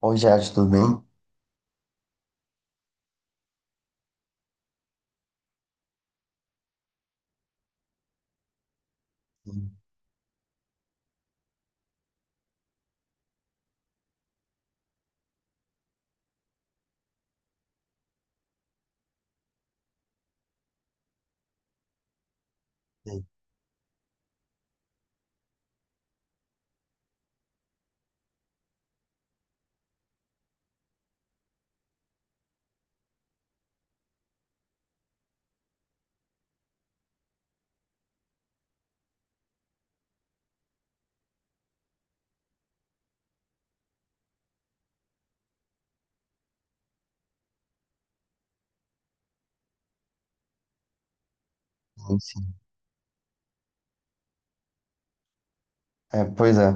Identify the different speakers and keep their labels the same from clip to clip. Speaker 1: Oi, Jade, tudo bem? Sim, sim, sim, sim. É, pois é.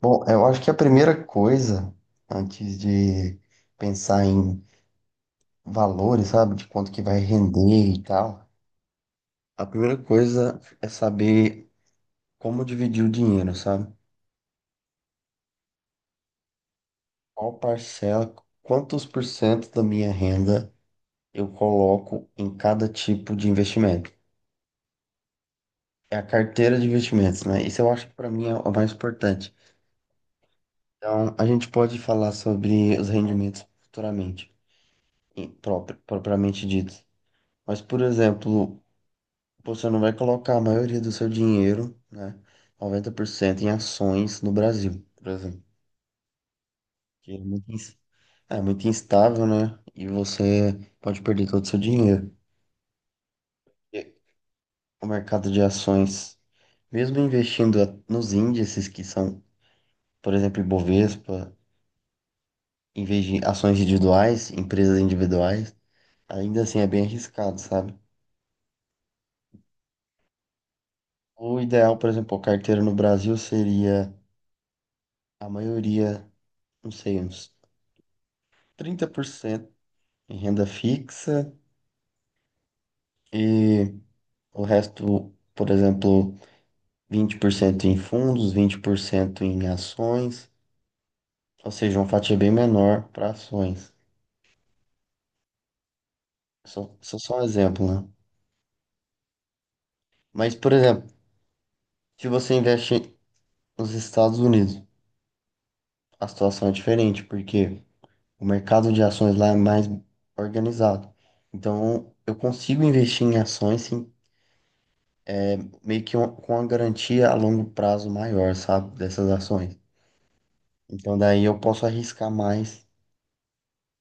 Speaker 1: Bom, eu acho que a primeira coisa, antes de pensar em valores, sabe, de quanto que vai render e tal, a primeira coisa é saber como dividir o dinheiro, sabe? Qual parcela, quantos por cento da minha renda eu coloco em cada tipo de investimento. É a carteira de investimentos, né? Isso eu acho que para mim é o mais importante. Então, a gente pode falar sobre os rendimentos futuramente. Propriamente dito. Mas, por exemplo, você não vai colocar a maioria do seu dinheiro, né, 90% em ações no Brasil, por exemplo, que é muito, é muito instável, né? E você pode perder todo o seu dinheiro. E o mercado de ações, mesmo investindo nos índices que são, por exemplo, Ibovespa, em vez de ações individuais, empresas individuais, ainda assim é bem arriscado, sabe? O ideal, por exemplo, a carteira no Brasil seria a maioria, não sei, uns 30% em renda fixa e o resto, por exemplo, 20% em fundos, 20% em ações, ou seja, uma fatia bem menor para ações. Só um exemplo, né? Mas, por exemplo, se você investe nos Estados Unidos, a situação é diferente, porque o mercado de ações lá é mais organizado. Então, eu consigo investir em ações sem meio que com uma garantia a longo prazo maior, sabe, dessas ações. Então daí eu posso arriscar mais.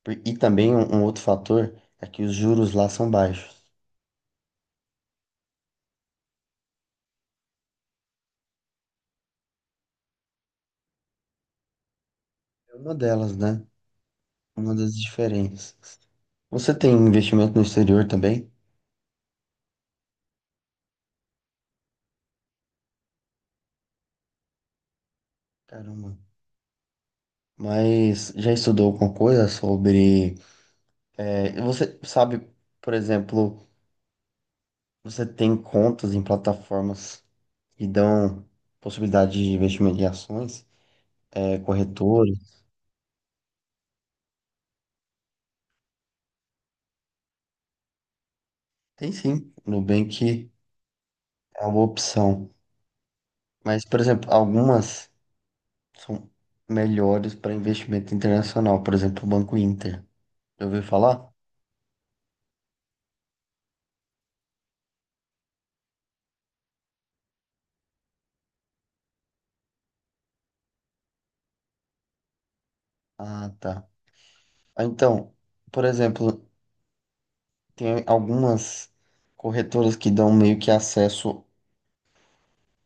Speaker 1: E também um outro fator é que os juros lá são baixos. É uma delas, né? Uma das diferenças. Você tem investimento no exterior também? Caramba. Mas já estudou alguma coisa sobre? Você sabe, por exemplo, você tem contas em plataformas que dão possibilidade de investimento em ações, corretoras? Tem sim, Nubank é uma opção. Mas, por exemplo, algumas são melhores para investimento internacional. Por exemplo, o Banco Inter. Já ouviu falar? Ah, tá. Ah, então, por exemplo, tem algumas corretoras que dão meio que acesso,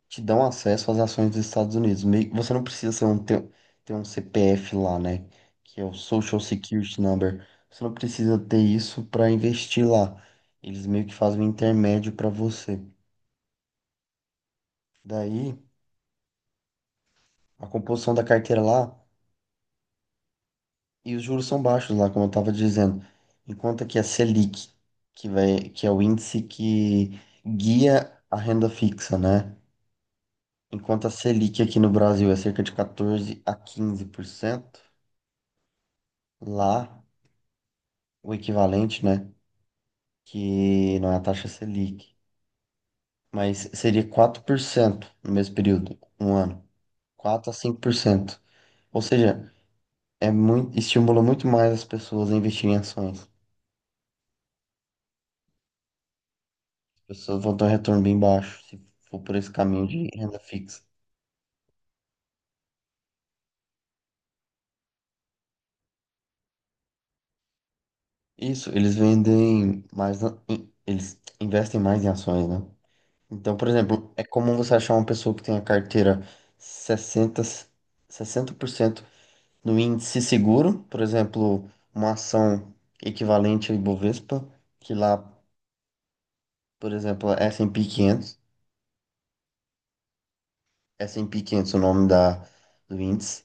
Speaker 1: te dão acesso às ações dos Estados Unidos. Você não precisa ter um CPF lá, né? Que é o Social Security Number. Você não precisa ter isso para investir lá. Eles meio que fazem um intermédio para você. Daí, a composição da carteira lá, e os juros são baixos lá, como eu estava dizendo. Enquanto que a Selic, que é o índice que guia a renda fixa, né? Enquanto a Selic aqui no Brasil é cerca de 14 a 15%, lá o equivalente, né? Que não é a taxa Selic, mas seria 4% no mesmo período, um ano. Quatro a cinco por cento. Ou seja, estimula muito mais as pessoas a investirem em ações. As pessoas vão ter um retorno bem baixo se for por esse caminho de renda fixa. Isso, eles vendem mais, eles investem mais em ações, né? Então, por exemplo, é comum você achar uma pessoa que tem a carteira sessenta sessenta por cento no índice seguro, por exemplo, uma ação equivalente ao Ibovespa, que lá, por exemplo, é S&P 500, S&P 500 é o nome do índice,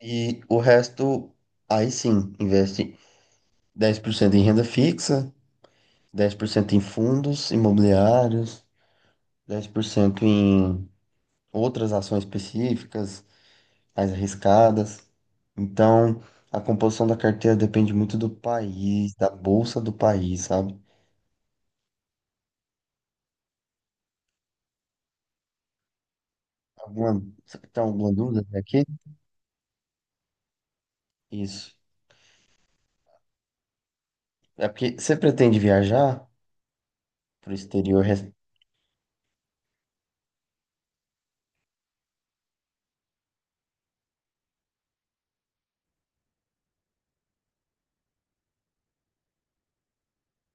Speaker 1: e o resto, aí sim, investe 10% em renda fixa, 10% em fundos imobiliários, 10% em outras ações específicas, mais arriscadas. Então, a composição da carteira depende muito do país, da bolsa do país, sabe? Você tem alguma dúvida até aqui? Isso. É porque você pretende viajar para o exterior?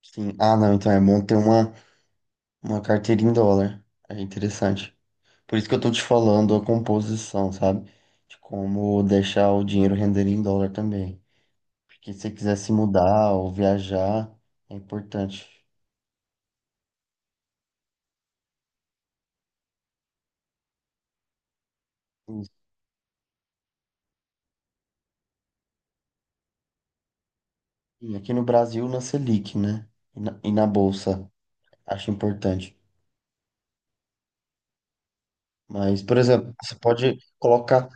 Speaker 1: Sim. Ah, não, então é bom ter uma carteira em dólar. É interessante. Por isso que eu tô te falando a composição, sabe? De como deixar o dinheiro render em dólar também. Porque se você quiser se mudar ou viajar, é importante. Isso. E aqui no Brasil, na Selic, né? E na Bolsa, acho importante. Mas, por exemplo, você pode colocar,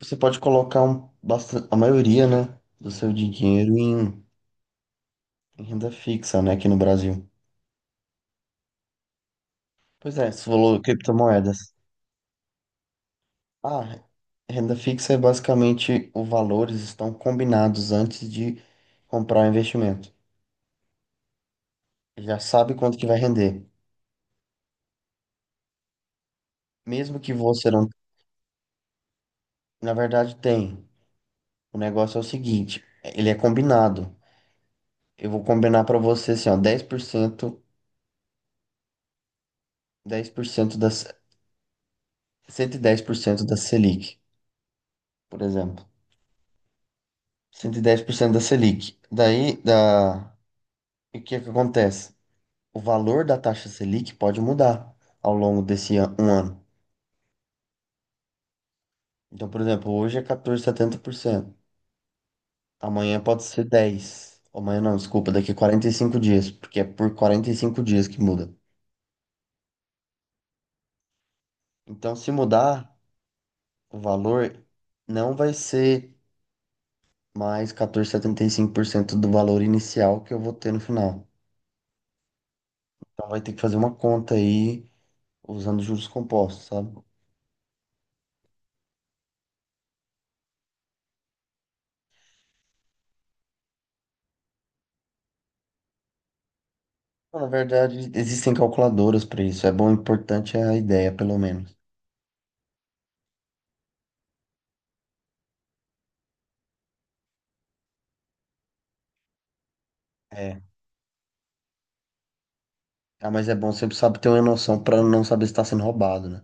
Speaker 1: você pode colocar bastante, a maioria, né, do seu dinheiro em renda fixa, né, aqui no Brasil. Pois é, você falou criptomoedas. Ah, renda fixa é basicamente os valores estão combinados antes de comprar o investimento. Já sabe quanto que vai render. Mesmo que você não. Na verdade, tem. O negócio é o seguinte, ele é combinado. Eu vou combinar para você assim, ó, 10%, 10% 110% da Selic, por exemplo. 110% da Selic. E o que é que acontece? O valor da taxa Selic pode mudar ao longo desse um ano. Então, por exemplo, hoje é 14,70%. Amanhã pode ser 10. Amanhã não, desculpa, daqui 45 dias, porque é por 45 dias que muda. Então, se mudar, o valor não vai ser mais 14,75% do valor inicial que eu vou ter no final. Então vai ter que fazer uma conta aí usando juros compostos, sabe? Bom, na verdade, existem calculadoras para isso. Importante é a ideia, pelo menos. É. Ah, mas é bom sempre sabe ter uma noção para não saber se está sendo roubado, né?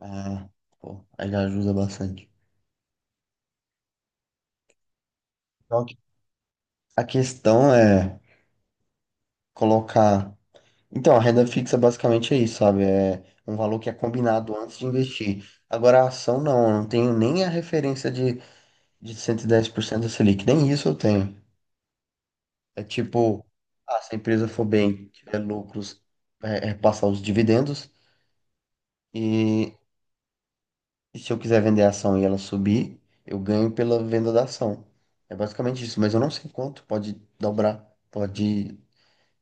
Speaker 1: Ah, pô, aí já ajuda bastante. Então, a questão é colocar. Então, a renda fixa basicamente é isso, sabe? É um valor que é combinado antes de investir. Agora, a ação não, eu não tenho nem a referência de, 110% da Selic, nem isso eu tenho. É tipo, ah, se a empresa for bem, tiver lucros, é passar os dividendos, e, e se eu quiser vender a ação e ela subir, eu ganho pela venda da ação. É basicamente isso, mas eu não sei quanto, pode dobrar, pode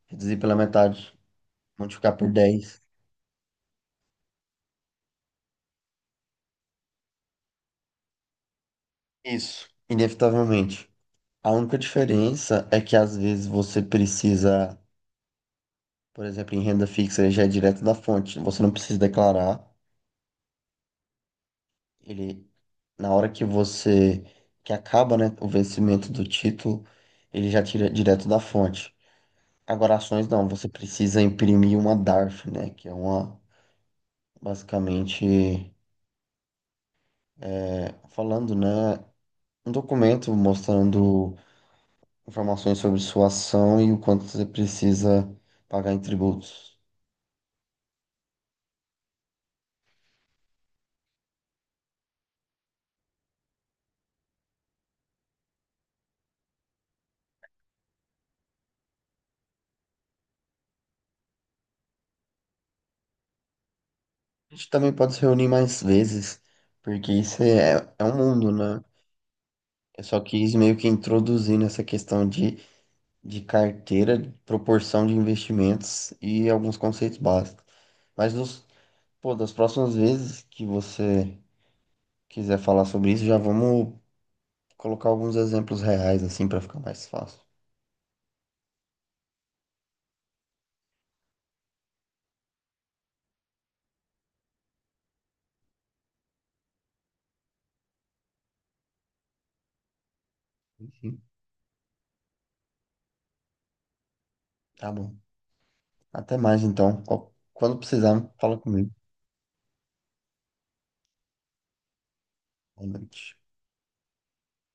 Speaker 1: reduzir pela metade, multiplicar por 10. Isso, inevitavelmente. A única diferença é que às vezes você precisa, por exemplo, em renda fixa ele já é direto da fonte, você não precisa declarar. Ele, na hora que você, que acaba, né, o vencimento do título, ele já tira direto da fonte. Agora, ações não, você precisa imprimir uma DARF, né, que é uma, basicamente, falando, né, um documento mostrando informações sobre sua ação e o quanto você precisa pagar em tributos. A gente também pode se reunir mais vezes, porque isso é um mundo, né? Eu só quis meio que introduzir nessa questão de, carteira, de proporção de investimentos e alguns conceitos básicos. Mas pô, das próximas vezes que você quiser falar sobre isso, já vamos colocar alguns exemplos reais, assim, para ficar mais fácil. Enfim, tá bom. Até mais, então. Quando precisar, fala comigo. Boa noite.